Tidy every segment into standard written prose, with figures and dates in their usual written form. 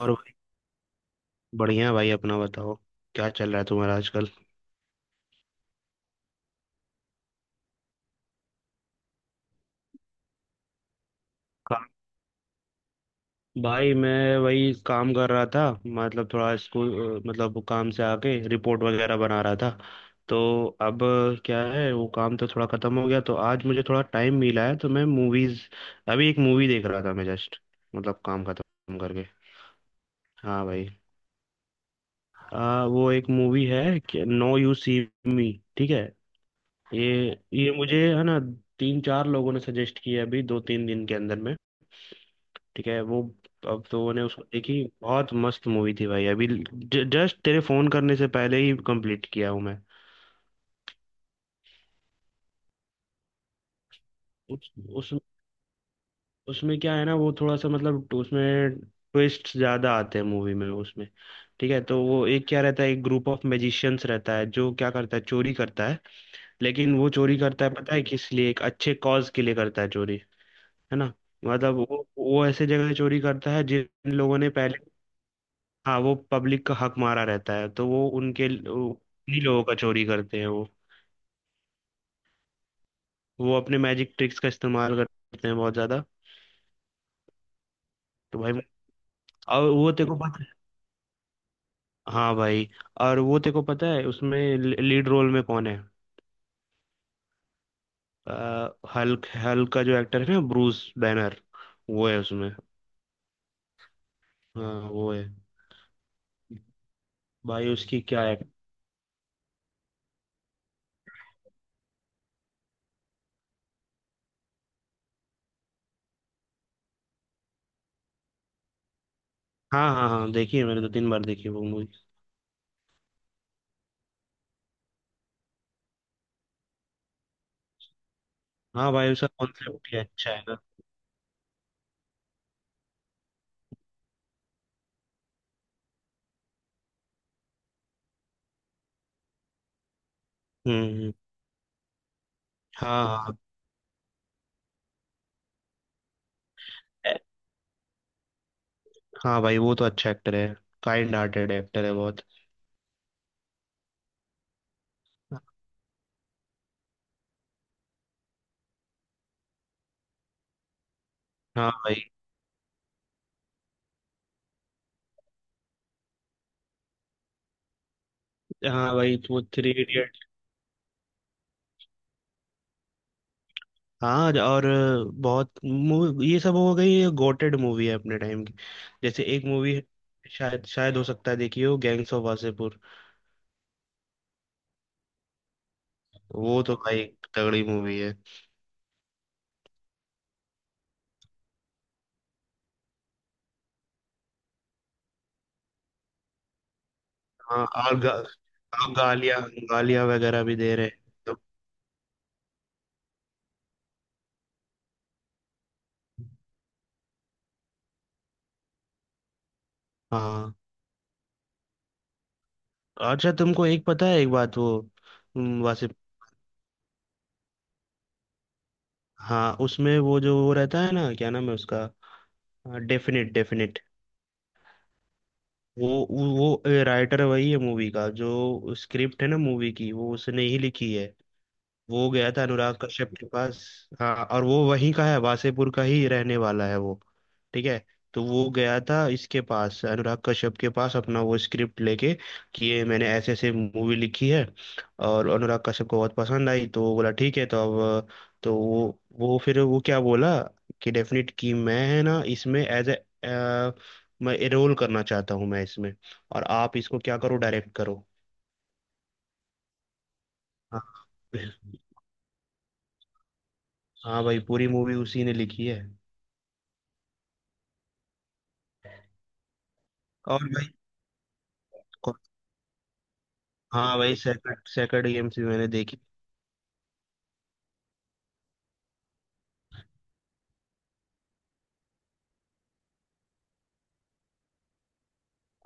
और भाई, बढ़िया भाई अपना बताओ। क्या चल रहा है तुम्हारा आजकल? काम। भाई मैं वही काम कर रहा था, मतलब थोड़ा स्कूल, मतलब काम से आके रिपोर्ट वगैरह बना रहा था। तो अब क्या है, वो काम तो थोड़ा खत्म हो गया, तो आज मुझे थोड़ा टाइम मिला है, तो मैं मूवीज, अभी एक मूवी देख रहा था मैं जस्ट, मतलब काम खत्म करके। हाँ भाई। वो एक मूवी है कि नो यू सी मी। ठीक है। ये मुझे, है ना, तीन चार लोगों ने सजेस्ट किया अभी दो तीन दिन के अंदर में। ठीक है वो। अब तो मैंने उसको देखी, बहुत मस्त मूवी थी भाई। अभी जस्ट तेरे फोन करने से पहले ही कंप्लीट किया हूँ मैं। उस उस उसमें क्या है ना, वो थोड़ा सा मतलब, तो उसमें ट्विस्ट ज्यादा आते हैं मूवी में, उसमें। ठीक है, तो वो एक क्या रहता है, एक ग्रुप ऑफ मैजिशियंस रहता है, जो क्या करता है, चोरी करता है। लेकिन वो चोरी करता है पता है किस लिए? एक अच्छे कॉज के लिए करता है चोरी। है ना। मतलब वो ऐसे जगह से चोरी करता है जिन लोगों ने पहले, हाँ, वो पब्लिक का हक मारा रहता है, तो वो उनके, वो उन्हीं लोगों का चोरी करते हैं वो। वो अपने मैजिक ट्रिक्स का इस्तेमाल करते हैं बहुत ज्यादा। तो भाई, और वो तेरे को पता है? हाँ भाई। और वो तेरे को पता है उसमें लीड रोल में कौन है? आ, हल्क, हल्क का जो एक्टर है ना, ब्रूस बैनर, वो है उसमें। हाँ वो है। भाई उसकी क्या है। हाँ हाँ हाँ, देखी है मैंने, दो तीन बार देखी है वो मूवी। हाँ भाई, उसका कॉन्सेप्ट भी अच्छा है ना। हम्म। हाँ हाँ हाँ। हाँ भाई, वो तो अच्छा एक्टर है। काइंड हार्टेड एक्टर है बहुत। हाँ भाई। हाँ भाई, वो थ्री इडियट। हाँ, और ये सब हो गई, ये गोटेड मूवी है अपने टाइम की। जैसे एक मूवी है, शायद शायद हो सकता है देखी हो, गैंग्स ऑफ वासेपुर। वो तो भाई तगड़ी मूवी है। हाँ, और और गालियाँ, गालियाँ वगैरह भी दे रहे हैं। तो, हाँ। अच्छा तुमको एक पता है एक बात, वो, हम्म। वासेप हाँ, उसमें वो, जो वो रहता है ना, क्या नाम है उसका, डेफिनेट डेफिनेट, वो राइटर वही है मूवी का, जो स्क्रिप्ट है ना मूवी की, वो उसने ही लिखी है। वो गया था अनुराग कश्यप के पास। हाँ, और वो वहीं का है, वासेपुर का ही रहने वाला है वो। ठीक है। तो वो गया था इसके पास, अनुराग कश्यप के पास, अपना वो स्क्रिप्ट लेके कि ये मैंने ऐसे ऐसे मूवी लिखी है, और अनुराग कश्यप को बहुत पसंद आई, तो वो बोला ठीक है। तो अब, तो वो फिर वो क्या बोला कि डेफिनेट, कि मैं, है ना, इसमें एज ए, मैं रोल करना चाहता हूँ मैं इसमें, और आप इसको क्या करो, डायरेक्ट करो। हाँ। हाँ भाई, पूरी मूवी उसी ने लिखी है। और भाई, कौन- हाँ भाई, सैकड़ सैकड़ गेम्स भी मैंने देखी।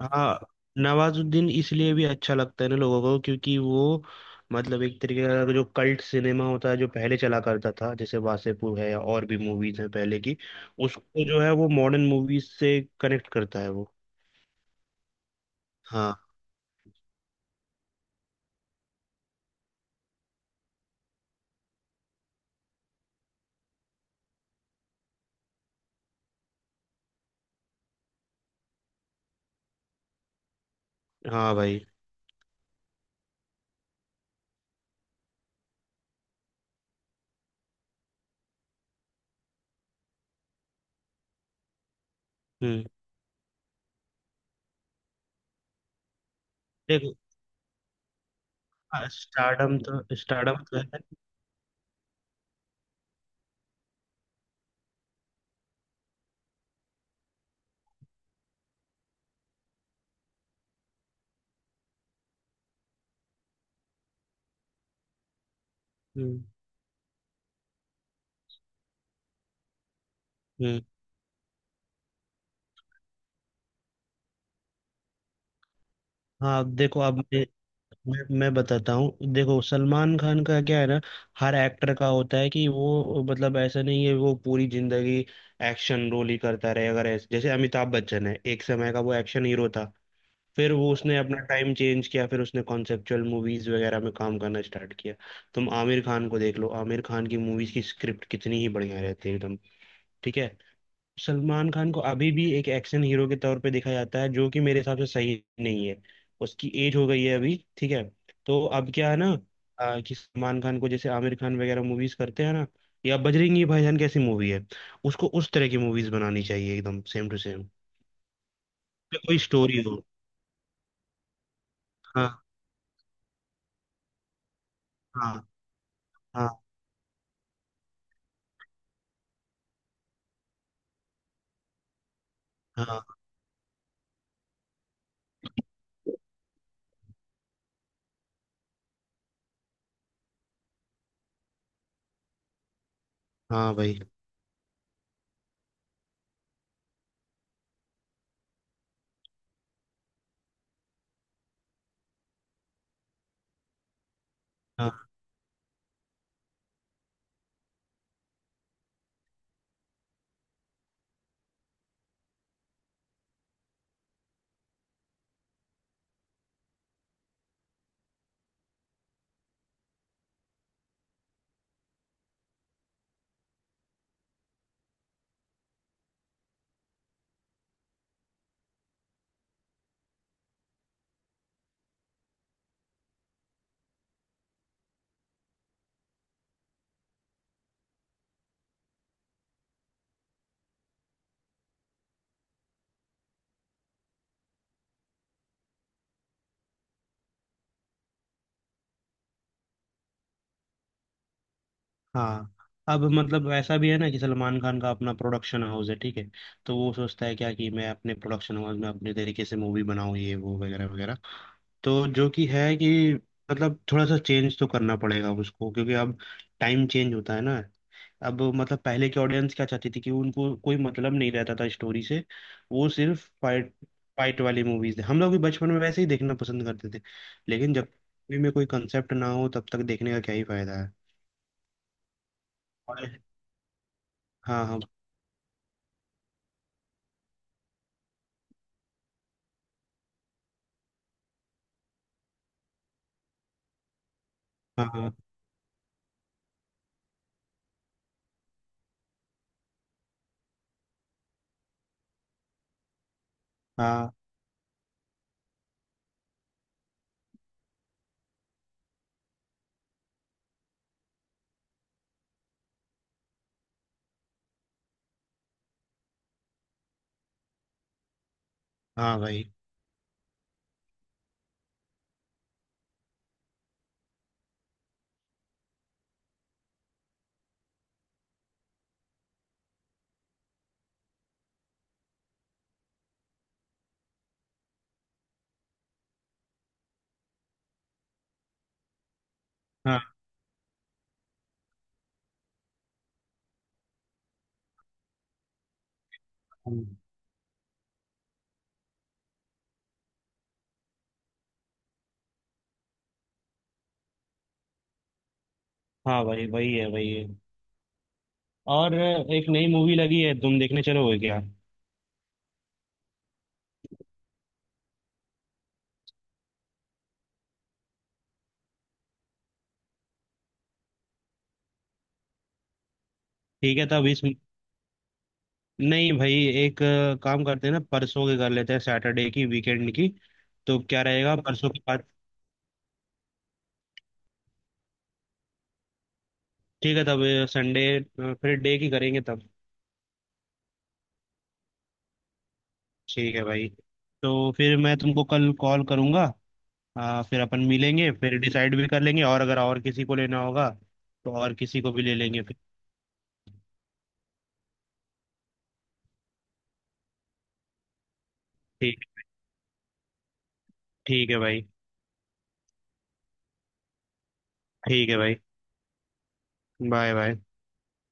हाँ। नवाजुद्दीन इसलिए भी अच्छा लगता है ना लोगों को, क्योंकि वो, मतलब, एक तरीके का जो कल्ट सिनेमा होता है जो पहले चला करता था, जैसे वासेपुर है या और भी मूवीज हैं पहले की, उसको जो है वो मॉडर्न मूवीज से कनेक्ट करता है वो। हाँ। हाँ भाई। हम्म। देखो, स्टारडम तो, स्टारडम तो है। हम्म हम्म। हाँ देखो, अब मैं बताता हूँ, देखो सलमान खान का क्या है ना, हर एक्टर का होता है कि वो, मतलब, ऐसा नहीं है वो पूरी जिंदगी एक्शन रोल ही करता रहे। अगर ऐसे जैसे अमिताभ बच्चन है, एक समय का वो एक्शन हीरो था, फिर वो, उसने अपना टाइम चेंज किया, फिर उसने कॉन्सेप्चुअल मूवीज वगैरह में काम करना स्टार्ट किया। तुम आमिर खान को देख लो, आमिर खान की मूवीज की स्क्रिप्ट कितनी ही बढ़िया रहती है एकदम। ठीक है। सलमान खान को अभी भी एक एक्शन हीरो के तौर पे देखा जाता है, जो कि मेरे हिसाब से सही नहीं है। उसकी एज हो गई है अभी, ठीक है। तो अब क्या है ना, कि सलमान खान को जैसे आमिर खान वगैरह मूवीज करते हैं ना, या बजरंगी भाईजान कैसी मूवी है, उसको उस तरह की मूवीज बनानी चाहिए, एकदम सेम टू सेम। कोई स्टोरी हो। हाँ हाँ हाँ हाँ। हाँ भाई। हाँ। हाँ, अब मतलब ऐसा भी है ना कि सलमान खान का अपना प्रोडक्शन हाउस है, ठीक है। तो वो सोचता है क्या कि मैं अपने प्रोडक्शन हाउस में अपने तरीके से मूवी बनाऊं, ये वो वगैरह वगैरह। तो जो कि है कि, मतलब, थोड़ा सा चेंज तो करना पड़ेगा उसको, क्योंकि अब टाइम चेंज होता है ना। अब मतलब पहले की ऑडियंस क्या चाहती थी, कि उनको कोई मतलब नहीं रहता था स्टोरी से, वो सिर्फ फाइट, फाइट वाली मूवीज हम लोग भी बचपन में वैसे ही देखना पसंद करते थे। लेकिन जब मूवी में कोई कंसेप्ट ना हो, तब तक देखने का क्या ही फायदा है। और- हाँ हाँ। हाँ हाँ। हाँ भाई। हाँ। हम्म। हाँ भाई, वही है वही है। और, एक नई मूवी लगी है, तुम देखने चलोगे क्या? ठीक है तब इस नहीं भाई, एक काम करते हैं ना, परसों के कर लेते हैं, सैटरडे की, वीकेंड की। तो क्या रहेगा परसों के बाद? ठीक है तब, संडे। फिर डे की करेंगे तब। ठीक है भाई। तो फिर मैं तुमको कल कॉल करूँगा, फिर अपन मिलेंगे, फिर डिसाइड भी कर लेंगे, और अगर और किसी को लेना होगा तो और किसी को भी ले लेंगे फिर। ठीक ठीक है भाई। ठीक है भाई। Bye bye.